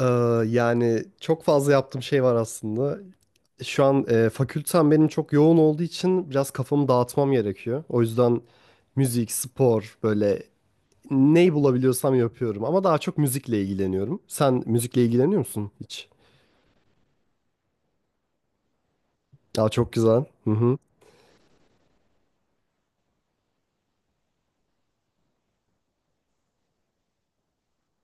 Ee, yani çok fazla yaptığım şey var aslında. Şu an fakültem benim çok yoğun olduğu için biraz kafamı dağıtmam gerekiyor. O yüzden müzik, spor böyle neyi bulabiliyorsam yapıyorum. Ama daha çok müzikle ilgileniyorum. Sen müzikle ilgileniyor musun hiç? Aa, çok güzel. Hı hı.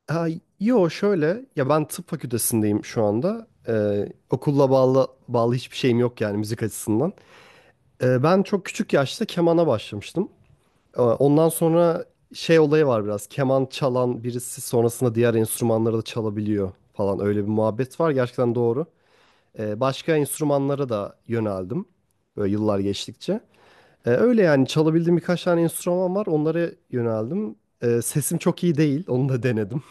Ha, yo şöyle ya ben tıp fakültesindeyim şu anda. Okulla bağlı hiçbir şeyim yok yani müzik açısından. Ben çok küçük yaşta kemana başlamıştım. Ondan sonra şey olayı var biraz. Keman çalan birisi sonrasında diğer enstrümanları da çalabiliyor falan. Öyle bir muhabbet var. Gerçekten doğru. Başka enstrümanlara da yöneldim. Böyle yıllar geçtikçe. Öyle yani çalabildiğim birkaç tane enstrüman var. Onlara yöneldim. Sesim çok iyi değil. Onu da denedim.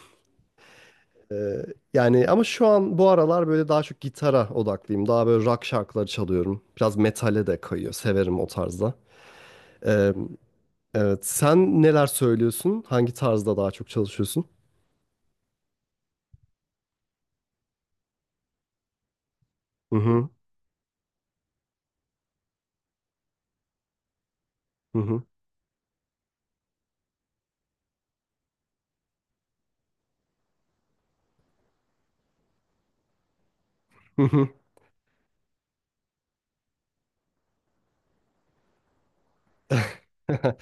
Ee, Yani ama şu an bu aralar böyle daha çok gitara odaklıyım. Daha böyle rock şarkıları çalıyorum. Biraz metale de kayıyor. Severim o tarzda. Ee, Evet. Sen neler söylüyorsun? Hangi tarzda daha çok çalışıyorsun? Hı hı. Hı hı. Hı hı.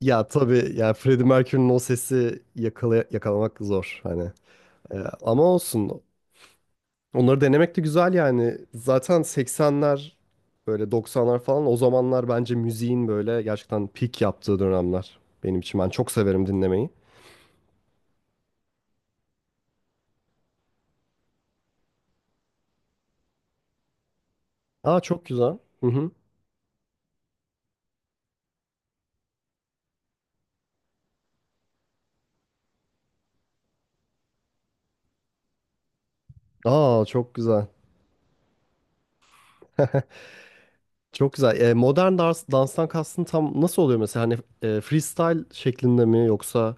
Ya tabii yani Freddie Mercury'nin o sesi yakalamak zor hani. Ama olsun. Onları denemek de güzel yani. Zaten 80'ler böyle 90'lar falan o zamanlar bence müziğin böyle gerçekten peak yaptığı dönemler benim için. Ben çok severim dinlemeyi. Aa çok güzel. Hı hı. Aa çok güzel. Çok güzel. Modern dans, danstan kastın tam nasıl oluyor mesela? Hani freestyle şeklinde mi yoksa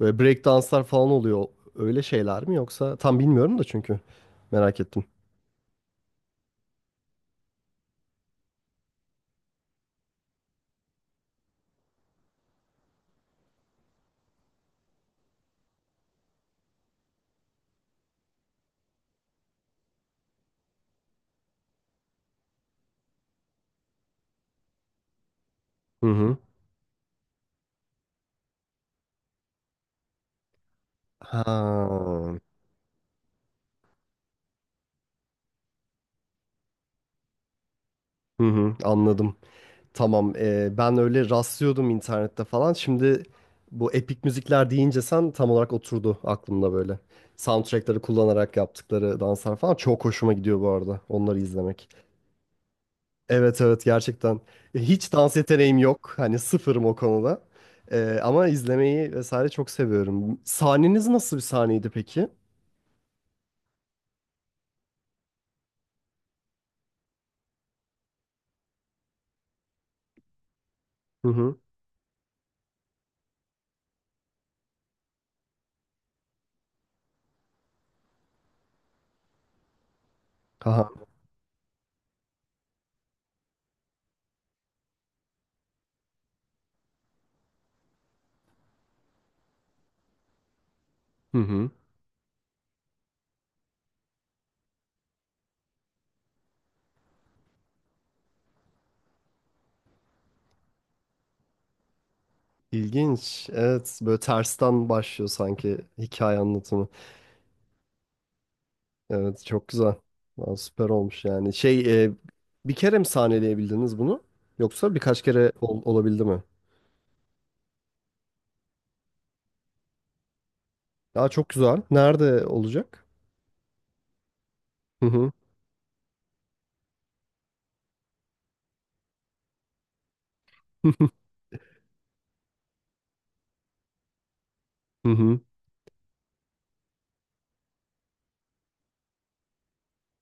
böyle break danslar falan oluyor. Öyle şeyler mi yoksa tam bilmiyorum da çünkü merak ettim. Hı hı. Ha. Hı hı, anladım. Tamam. Ben öyle rastlıyordum internette falan. Şimdi bu epik müzikler deyince sen tam olarak oturdu aklımda böyle. Soundtrack'ları kullanarak yaptıkları danslar falan çok hoşuma gidiyor bu arada. Onları izlemek. Evet evet gerçekten. Hiç dans yeteneğim yok. Hani sıfırım o konuda. Ama izlemeyi vesaire çok seviyorum. Sahneniz nasıl bir sahneydi peki? Hı hı. Aha. Hı hı. İlginç. Evet böyle tersten başlıyor sanki hikaye anlatımı. Evet çok güzel. Vallahi süper olmuş yani. Bir kere mi sahneleyebildiniz bunu? Yoksa birkaç kere olabildi mi? Aa çok güzel. Nerede olacak? Hı hı.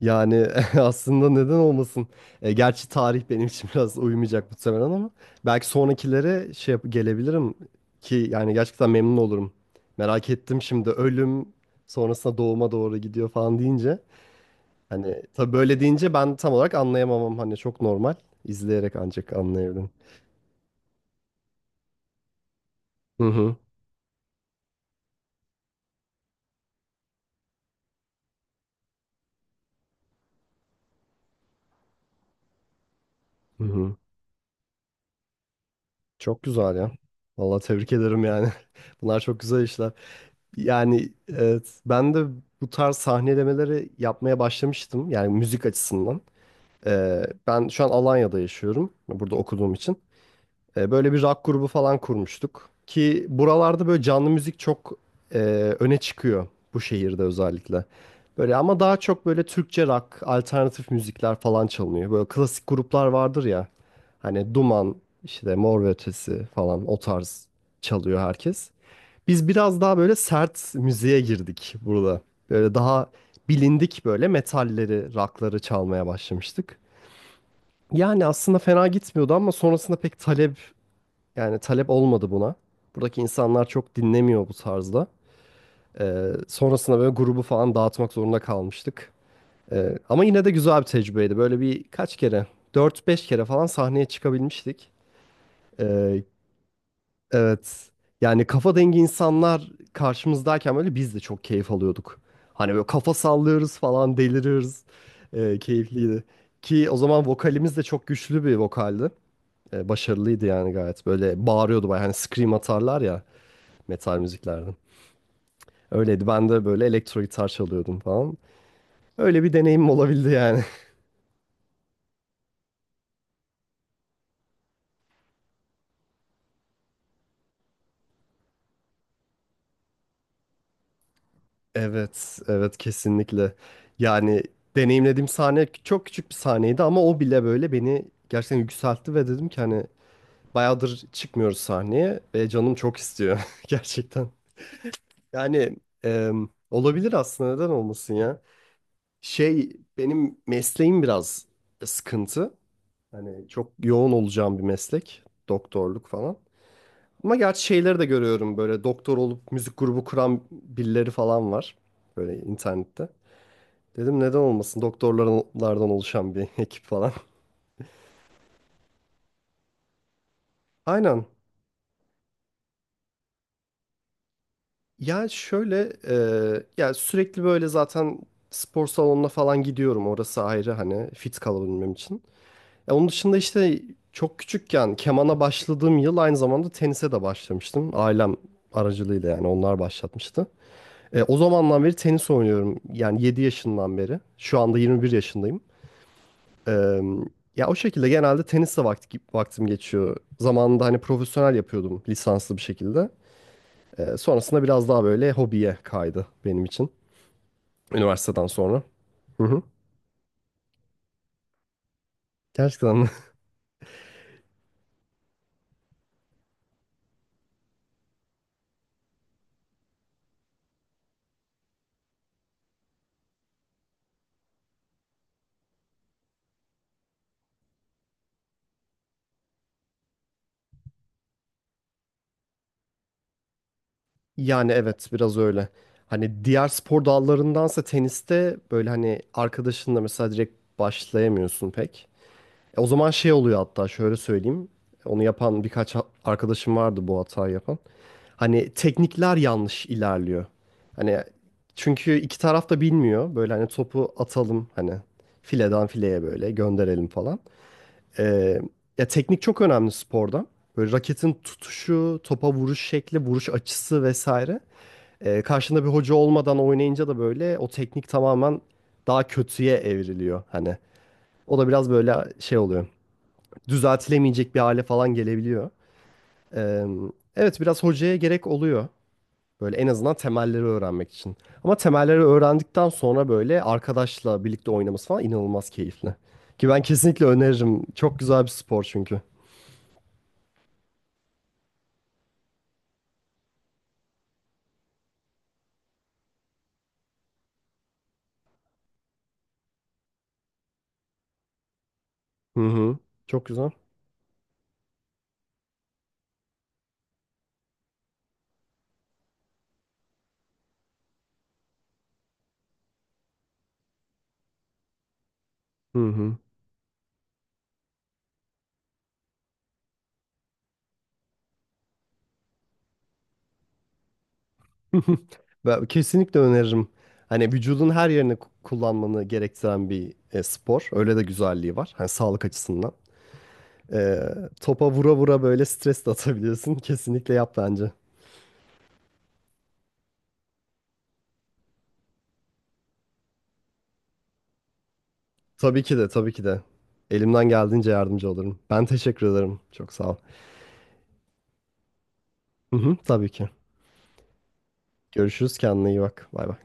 Yani aslında neden olmasın? Gerçi tarih benim için biraz uymayacak muhtemelen ama belki sonrakilere gelebilirim ki yani gerçekten memnun olurum. Merak ettim şimdi ölüm sonrasında doğuma doğru gidiyor falan deyince. Hani tabii böyle deyince ben tam olarak anlayamamam hani çok normal. İzleyerek ancak anlayabilirim. Hı hı. Hı hı. Çok güzel ya. Vallahi tebrik ederim yani. Bunlar çok güzel işler. Yani evet, ben de bu tarz sahnelemeleri yapmaya başlamıştım. Yani müzik açısından. Ben şu an Alanya'da yaşıyorum. Burada okuduğum için. Böyle bir rock grubu falan kurmuştuk. Ki buralarda böyle canlı müzik çok e, öne çıkıyor. Bu şehirde özellikle. Böyle ama daha çok böyle Türkçe rock, alternatif müzikler falan çalınıyor. Böyle klasik gruplar vardır ya. Hani Duman, işte Mor ve Ötesi falan o tarz çalıyor herkes. Biz biraz daha böyle sert müziğe girdik burada. Böyle daha bilindik böyle metalleri, rockları çalmaya başlamıştık. Yani aslında fena gitmiyordu ama sonrasında pek talep yani talep olmadı buna. Buradaki insanlar çok dinlemiyor bu tarzda. Sonrasında böyle grubu falan dağıtmak zorunda kalmıştık. Ama yine de güzel bir tecrübeydi. Böyle bir kaç kere, dört beş kere falan sahneye çıkabilmiştik. Ee, Evet. Yani kafa dengi insanlar karşımızdayken böyle biz de çok keyif alıyorduk. Hani böyle kafa sallıyoruz falan deliriyoruz. Keyifliydi. Ki o zaman vokalimiz de çok güçlü bir vokaldi. Başarılıydı yani gayet. Böyle bağırıyordu bayağı. Hani scream atarlar ya metal müziklerde. Öyleydi. Ben de böyle elektro gitar çalıyordum falan. Öyle bir deneyimim olabildi yani. Evet, evet kesinlikle. Yani deneyimlediğim sahne çok küçük bir sahneydi ama o bile böyle beni gerçekten yükseltti ve dedim ki hani bayağıdır çıkmıyoruz sahneye ve canım çok istiyor gerçekten. Yani e, olabilir aslında neden olmasın ya. Şey benim mesleğim biraz sıkıntı. Hani çok yoğun olacağım bir meslek. Doktorluk falan. Ama gerçi şeyleri de görüyorum böyle doktor olup müzik grubu kuran birileri falan var. Böyle internette. Dedim neden olmasın doktorlardan oluşan bir ekip falan. Aynen. Ya şöyle ya sürekli böyle zaten spor salonuna falan gidiyorum. Orası ayrı hani fit kalabilmem için. Ya onun dışında işte çok küçükken kemana başladığım yıl aynı zamanda tenise de başlamıştım. Ailem aracılığıyla yani onlar başlatmıştı. E, o zamandan beri tenis oynuyorum. Yani 7 yaşından beri. Şu anda 21 yaşındayım. E, ya o şekilde genelde tenisle vaktim geçiyor. Zamanında hani profesyonel yapıyordum lisanslı bir şekilde. E, sonrasında biraz daha böyle hobiye kaydı benim için. Üniversiteden sonra. Hı hı. Gerçekten mi? Yani evet biraz öyle. Hani diğer spor dallarındansa teniste böyle hani arkadaşınla mesela direkt başlayamıyorsun pek. E, o zaman şey oluyor hatta şöyle söyleyeyim. Onu yapan birkaç arkadaşım vardı bu hatayı yapan. Hani teknikler yanlış ilerliyor. Hani çünkü iki taraf da bilmiyor. Böyle hani topu atalım hani fileden fileye böyle gönderelim falan. Ee, ya teknik çok önemli sporda. Böyle raketin tutuşu, topa vuruş şekli, vuruş açısı vesaire. Karşında bir hoca olmadan oynayınca da böyle o teknik tamamen daha kötüye evriliyor hani. O da biraz böyle şey oluyor. Düzeltilemeyecek bir hale falan gelebiliyor. Ee, evet biraz hocaya gerek oluyor. Böyle en azından temelleri öğrenmek için. Ama temelleri öğrendikten sonra böyle arkadaşla birlikte oynaması falan inanılmaz keyifli. Ki ben kesinlikle öneririm. Çok güzel bir spor çünkü. Hı hı. Çok güzel. Hı hı. Ben kesinlikle öneririm. Hani vücudun her yerini kullanmanı gerektiren bir spor. Öyle de güzelliği var. Hani sağlık açısından. Ee, topa vura vura böyle stres de atabilirsin. Kesinlikle yap bence. Tabii ki de, tabii ki de. Elimden geldiğince yardımcı olurum. Ben teşekkür ederim. Çok sağ ol. Hı hı, tabii ki. Görüşürüz. Kendine iyi bak. Bay bay.